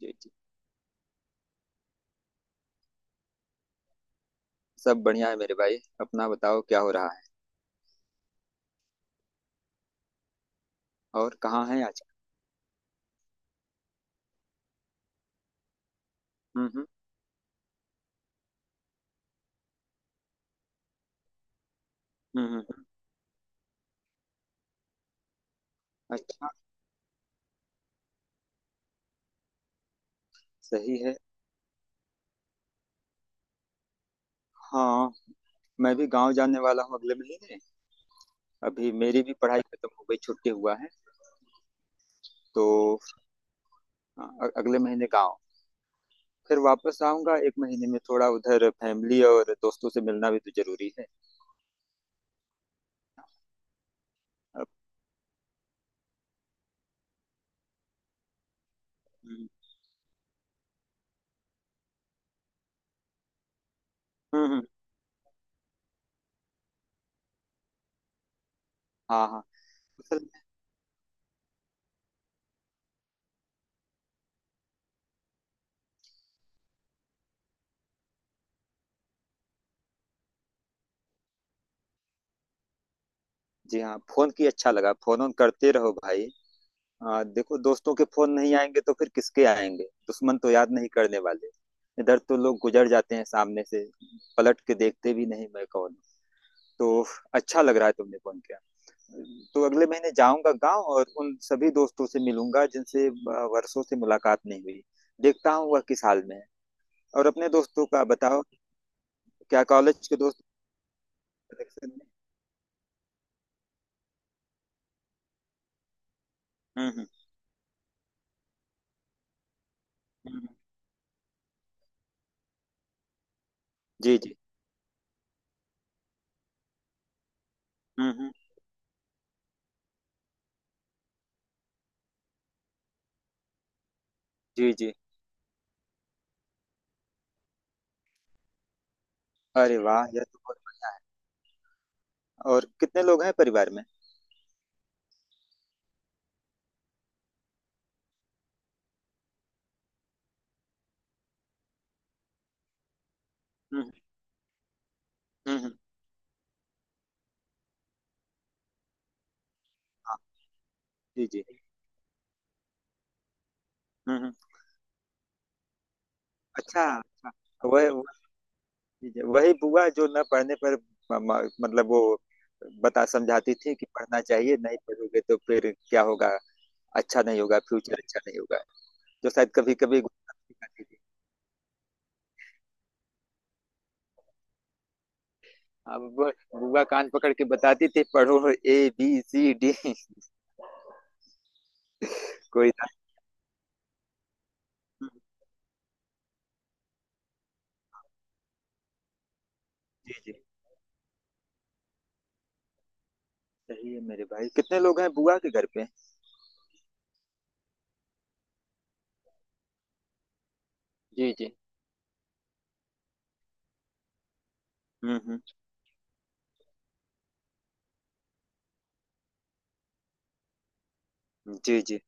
जी जी। सब बढ़िया है मेरे भाई, अपना बताओ क्या हो रहा है। और कहाँ है आज। हम्म। हम्म हम्म। अच्छा। सही है। हाँ। मैं भी गांव जाने वाला हूँ अगले महीने। अभी मेरी भी पढ़ाई खत्म हो गई, छुट्टी हुआ है। तो अगले महीने गांव। फिर वापस आऊंगा एक महीने में, थोड़ा उधर फैमिली और दोस्तों से मिलना भी तो जरूरी है। अब। हम्म हम्म। हम्म। हाँ हाँ। जी हाँ, फोन की अच्छा लगा, फोन ऑन करते रहो भाई। हाँ देखो, दोस्तों के फोन नहीं आएंगे तो फिर किसके आएंगे, दुश्मन तो याद नहीं करने वाले। इधर तो लोग गुजर जाते हैं सामने से, पलट के देखते भी नहीं मैं कौन हूँ। तो अच्छा लग रहा है तुमने फोन किया। तो अगले महीने जाऊंगा गांव और उन सभी दोस्तों से मिलूंगा जिनसे वर्षों से मुलाकात नहीं हुई। देखता हूँ वह किस हाल में है। और अपने दोस्तों का बताओ। क्या कॉलेज के दोस्त। कनेक्शन में। हम्म हम्म। जी जी। हम्म। जी जी। अरे वाह, और कितने लोग हैं परिवार में। हम्म हम्म। जी जी। हम्म। अच्छा अच्छा वह। जी, जी, वही बुआ जो न पढ़ने पर मतलब वो बता समझाती थी कि पढ़ना चाहिए, नहीं पढ़ोगे तो फिर क्या होगा, अच्छा नहीं होगा, फ्यूचर अच्छा नहीं होगा। तो शायद कभी कभी सिखाती थी। अब वो बुआ कान पकड़ के बताती थी, पढ़ो ए बी सी डी कोई ना। हम्म। जी जी। सही है मेरे भाई, कितने लोग हैं बुआ के घर पे। जी जी। हम्म हम्म। जी जी।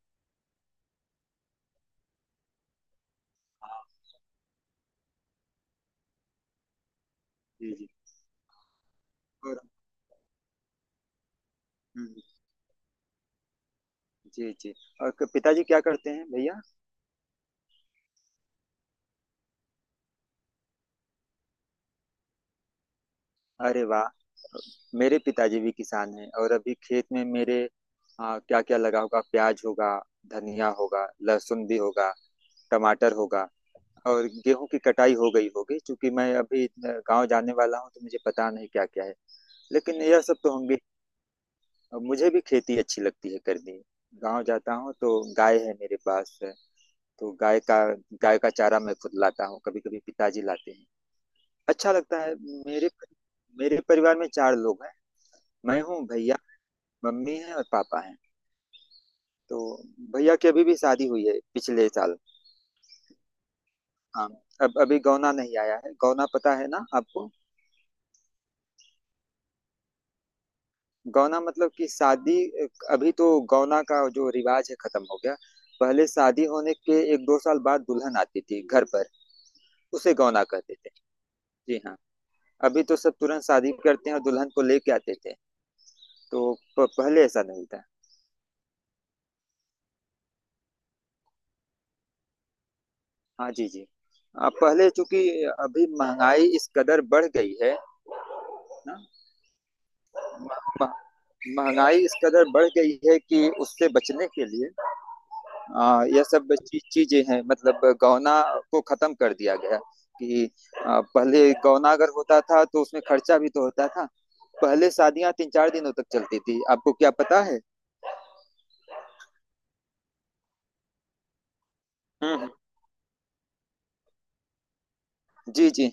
जी जी। और। हम्म। जी जी। और पिताजी क्या करते हैं भैया। अरे वाह। मेरे पिताजी भी किसान हैं, और अभी खेत में मेरे क्या क्या लगा होगा, प्याज होगा, धनिया होगा, लहसुन भी होगा, टमाटर होगा। और गेहूं की कटाई हो गई होगी, क्योंकि मैं अभी गांव जाने वाला हूं तो मुझे पता नहीं क्या क्या है, लेकिन यह सब तो होंगे। और मुझे भी खेती अच्छी लगती है करनी। गांव जाता हूँ तो गाय है मेरे पास। तो गाय का चारा मैं खुद लाता हूँ, कभी कभी पिताजी लाते हैं। अच्छा लगता है। मेरे मेरे परिवार में चार लोग हैं। मैं हूँ भैया, मम्मी है और पापा है। तो भैया की अभी भी शादी हुई है पिछले साल। हाँ। अब अभी गौना नहीं आया है, गौना पता है ना आपको। गौना मतलब कि शादी। अभी तो गौना का जो रिवाज है खत्म हो गया। पहले शादी होने के एक दो साल बाद दुल्हन आती थी घर पर, उसे गौना कहते थे। जी हाँ। अभी तो सब तुरंत शादी करते हैं और दुल्हन को लेके आते थे। तो पहले ऐसा नहीं था। हाँ जी जी। पहले चूंकि अभी महंगाई इस कदर बढ़ गई है ना। मह- महंगाई इस कदर बढ़ गई है कि उससे बचने के लिए यह सब चीजें हैं, मतलब गौना को खत्म कर दिया गया कि पहले गौना अगर होता था तो उसमें खर्चा भी तो होता था। पहले शादियां तीन चार दिनों तक चलती थी, आपको क्या पता है। हम्म। जी जी।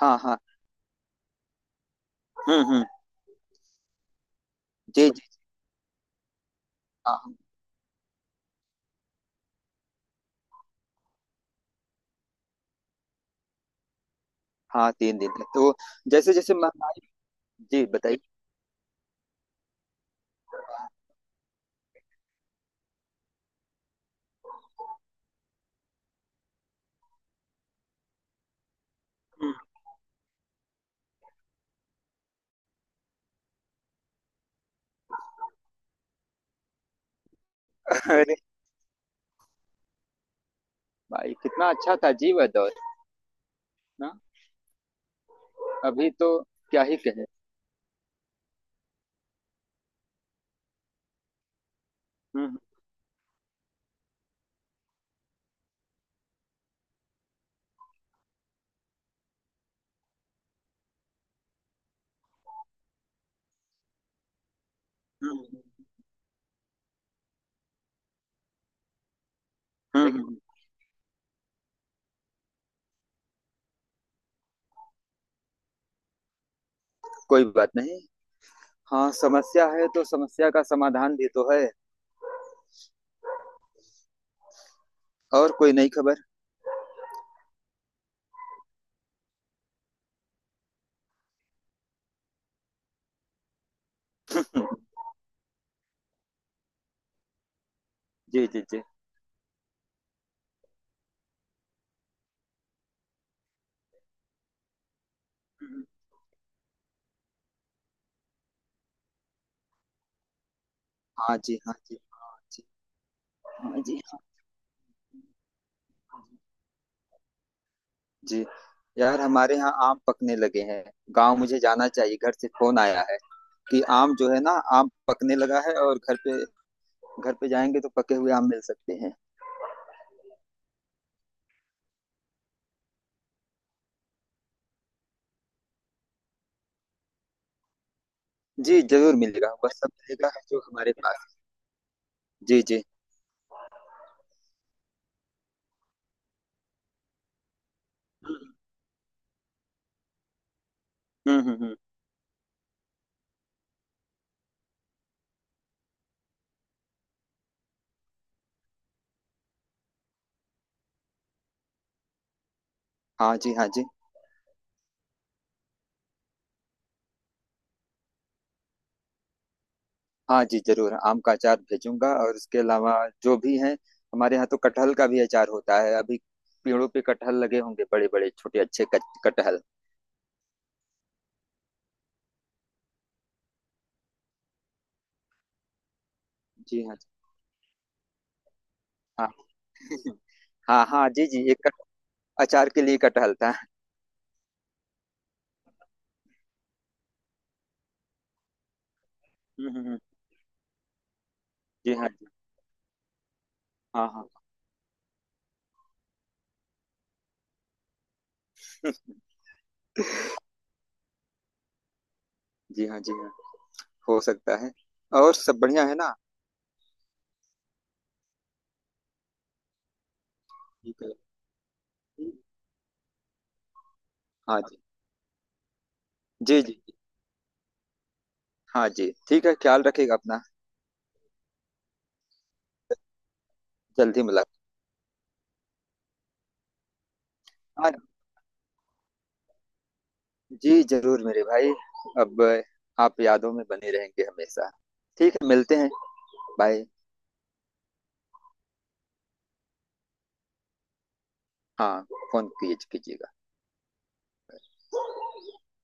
हाँ हाँ। हम्म। जी जी। हाँ हाँ। हाँ, तीन दिन तक तो। जैसे जैसे महंगाई। जी बताइए। हम्म। अरे भाई, कितना अच्छा था जी वह दौर ना। अभी तो क्या ही कहे। हम्म हम्म। हम्म। कोई बात नहीं। हाँ, समस्या है तो समस्या का समाधान भी तो है। और कोई नई खबर। जी जी जी। हाँ जी, हाँ जी, हाँ जी। हाँ जी, हाँ जी। यार हमारे यहाँ आम पकने लगे हैं। गांव मुझे जाना चाहिए, घर से फोन आया है कि आम जो है ना, आम पकने लगा है और घर पे जाएंगे तो पके हुए आम मिल सकते हैं। जी जरूर मिलेगा, वह सब मिलेगा जो हमारे पास। जी जी। हम्म। हाँ जी, हाँ जी। हाँ जी जरूर आम का अचार भेजूंगा, और उसके अलावा जो भी है। हमारे यहाँ तो कटहल का भी अचार होता है। अभी पेड़ों पे कटहल लगे होंगे, बड़े बड़े छोटे अच्छे कटहल। जी हाँ। हाँ हाँ हाँ जी जी। अचार के लिए कटहल था। हम्म। हम्म। हम्म। जी हाँ, जी हाँ। हाँ जी, हाँ जी। हाँ, हो सकता है। और सब बढ़िया है ना। ठीक है। हाँ जी। जी जी। जी, हाँ जी ठीक है, ख्याल रखिएगा अपना। जल्दी मुलाकात। हाँ जी जरूर मेरे भाई। अब आप यादों में बने रहेंगे हमेशा। ठीक है मिलते हैं। बाय। हाँ फोन कीजिए कीजिए।